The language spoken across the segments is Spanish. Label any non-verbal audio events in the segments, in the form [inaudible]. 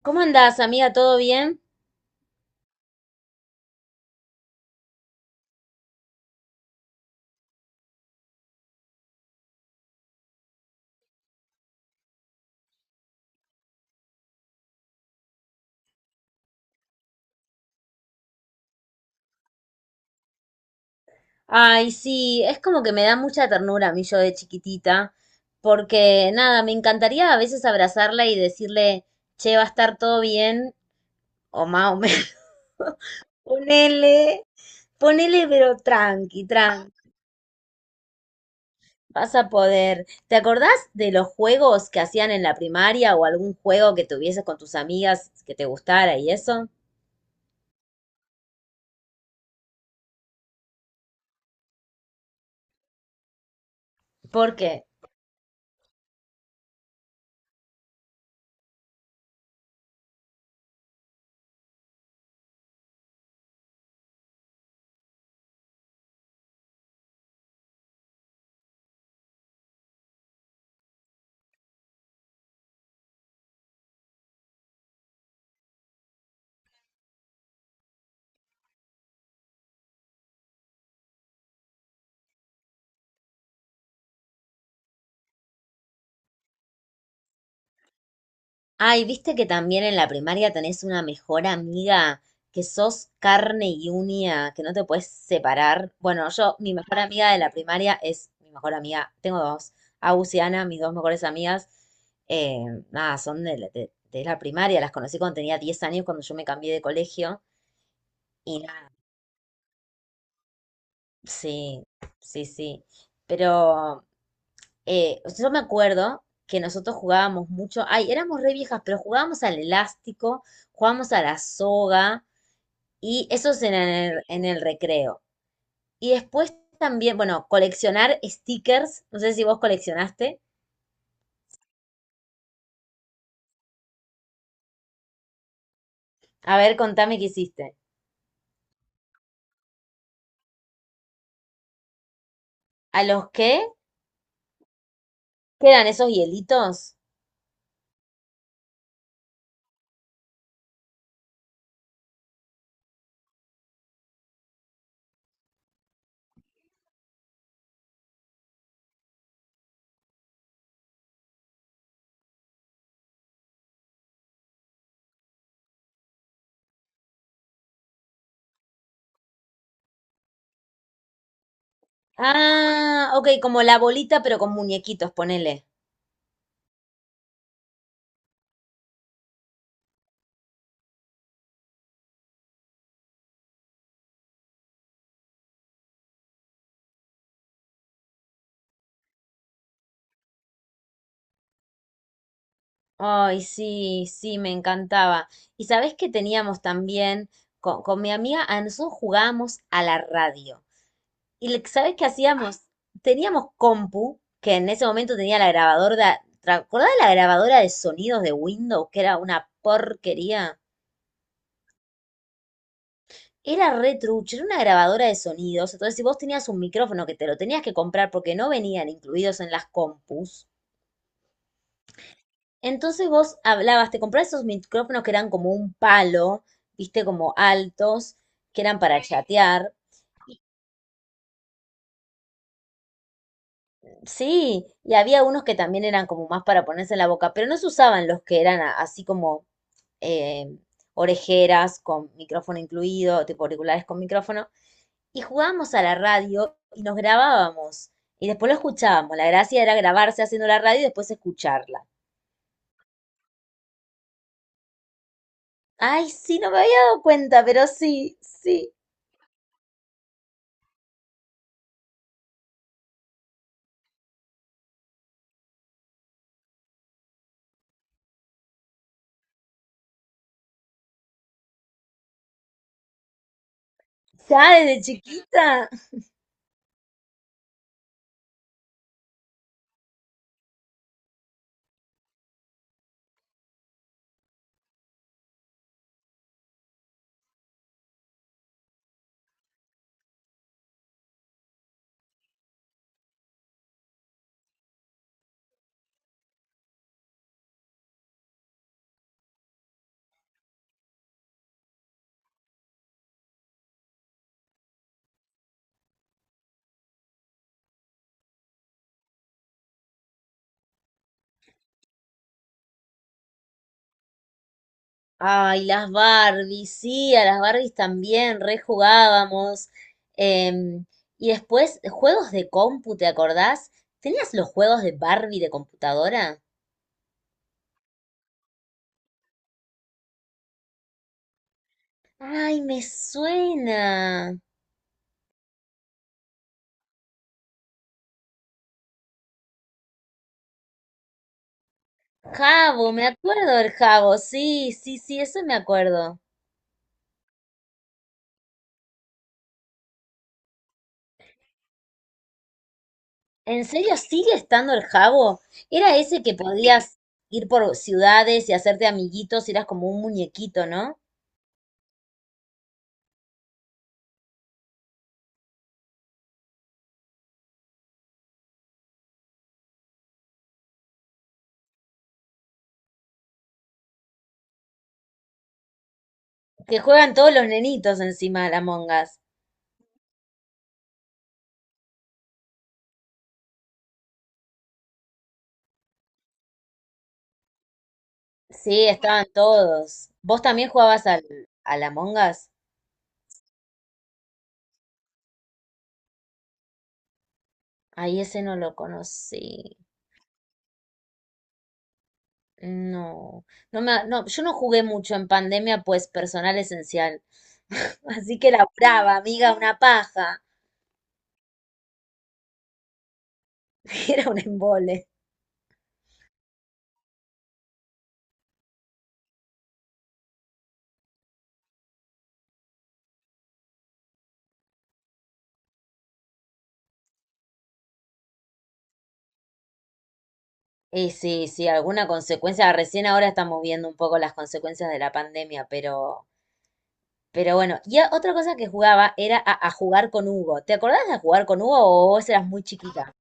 ¿Cómo andás, amiga? ¿Todo bien? Ay, sí, es como que me da mucha ternura a mí yo de chiquitita, porque nada, me encantaría a veces abrazarla y decirle, che, va a estar todo bien, o más o menos, [laughs] ponele, ponele, pero tranqui, vas a poder. ¿Te acordás de los juegos que hacían en la primaria o algún juego que tuvieses con tus amigas que te gustara y eso? Porque ay, viste que también en la primaria tenés una mejor amiga que sos carne y uña, que no te puedes separar. Bueno, yo, mi mejor amiga de la primaria es mi mejor amiga, tengo dos, Agus y Ana, mis dos mejores amigas. eh, Nada, son de la primaria, las conocí cuando tenía 10 años, cuando yo me cambié de colegio. Y nada, sí, sí. Pero o sea, yo me acuerdo que nosotros jugábamos mucho, ay, éramos re viejas, pero jugábamos al elástico, jugábamos a la soga, y eso es en el recreo. Y después también, bueno, coleccionar stickers, no sé si vos coleccionaste. A ver, contame qué hiciste. ¿A los qué? ¿Quedan esos hielitos? Ah, ok, como la bolita, pero con muñequitos, ponele. Ay, sí, sí, me encantaba. Y sabés que teníamos también, con mi amiga Ansu jugábamos a la radio. Y ¿sabés qué hacíamos? Teníamos compu, que en ese momento tenía la grabadora, de- ¿te acordás de la grabadora de sonidos de Windows, que era una porquería? Era re trucho, era una grabadora de sonidos. Entonces, si vos tenías un micrófono que te lo tenías que comprar porque no venían incluidos en las compus, entonces vos hablabas, te comprabas esos micrófonos que eran como un palo, viste, como altos, que eran para chatear. Sí, y había unos que también eran como más para ponerse en la boca, pero no se usaban los que eran así como eh, orejeras con micrófono incluido, tipo auriculares con micrófono. Y jugábamos a la radio y nos grabábamos. Y después lo escuchábamos. La gracia era grabarse haciendo la radio y después escucharla. Ay, sí, no me había dado cuenta, pero sí, sí. Ya desde chiquita. Ay, las Barbies, sí, a las Barbies también rejugábamos. Em, y después, juegos de compu, ¿te acordás? ¿Tenías los juegos de Barbie de computadora? Ay, me suena. Jabo, me acuerdo del Jabo, sí, sí, sí, eso me acuerdo. ¿En serio sigue estando el Jabo? Era ese que podías ir por ciudades y hacerte amiguitos, y eras como un muñequito, ¿no? Que juegan todos los nenitos encima de la Among Us. Sí, estaban todos. ¿Vos también jugabas al, al Among Us? Ay, ese no lo conocí. No, no, yo no jugué mucho en pandemia, pues personal esencial. [laughs] Así que la brava, amiga, una paja. [laughs] Era un embole. Y sí, sí, alguna consecuencia. Recién ahora estamos viendo un poco las consecuencias de la pandemia, pero bueno. Y otra cosa que jugaba era a jugar con Hugo. ¿Te acordás de jugar con Hugo o vos eras muy chiquita?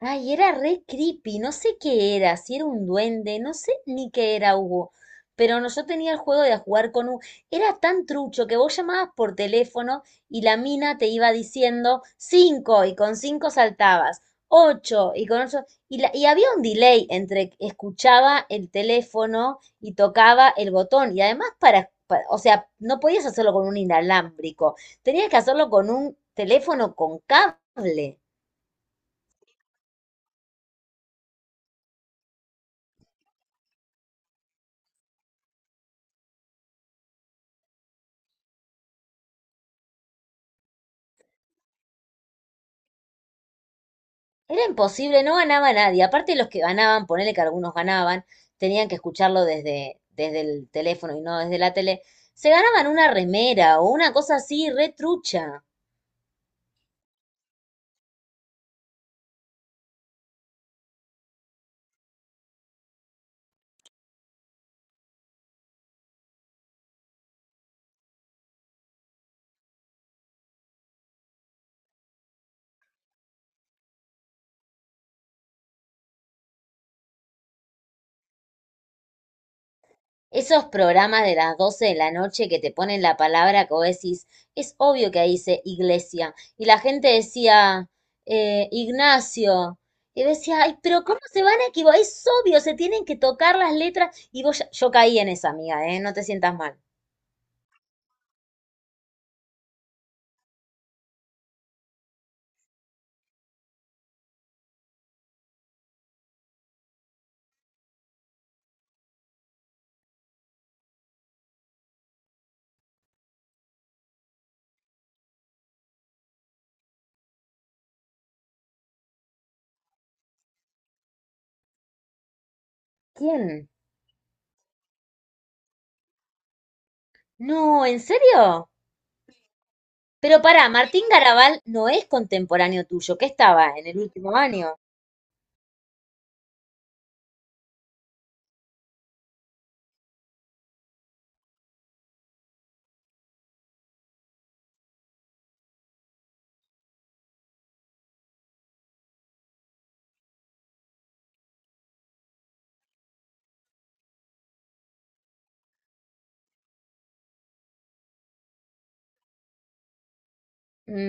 Ay, era re creepy, no sé qué era, si era un duende, no sé ni qué era Hugo, pero no, yo tenía el juego de jugar con Hugo, era tan trucho que vos llamabas por teléfono y la mina te iba diciendo cinco y con cinco saltabas, ocho y con ocho, y, y había un delay entre que escuchaba el teléfono y tocaba el botón, y además o sea, no podías hacerlo con un inalámbrico, tenías que hacerlo con un teléfono con cable. Era imposible, no ganaba nadie. Aparte los que ganaban, ponele que algunos ganaban, tenían que escucharlo desde el teléfono y no desde la tele. Se ganaban una remera o una cosa así, re trucha. Esos programas de las 12 de la noche que te ponen la palabra que vos decís, es obvio que ahí dice iglesia. Y la gente decía, Ignacio. Y decía, ay, pero ¿cómo se van a equivocar? Es obvio, se tienen que tocar las letras. Y vos, yo caí en esa, amiga, ¿eh? No te sientas mal. ¿Quién? No, ¿en serio? Pero pará, Martín Garabal no es contemporáneo tuyo, que estaba en el último año.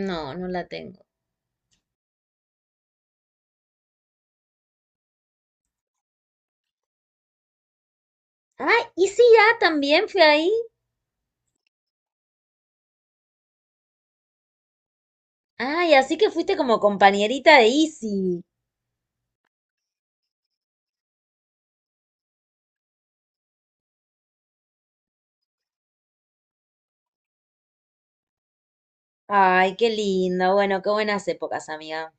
No, no la tengo. Ah, Isi ya también fue ahí. Ay, así que fuiste como compañerita de Isi. Ay, qué linda. Bueno, qué buenas épocas, amiga.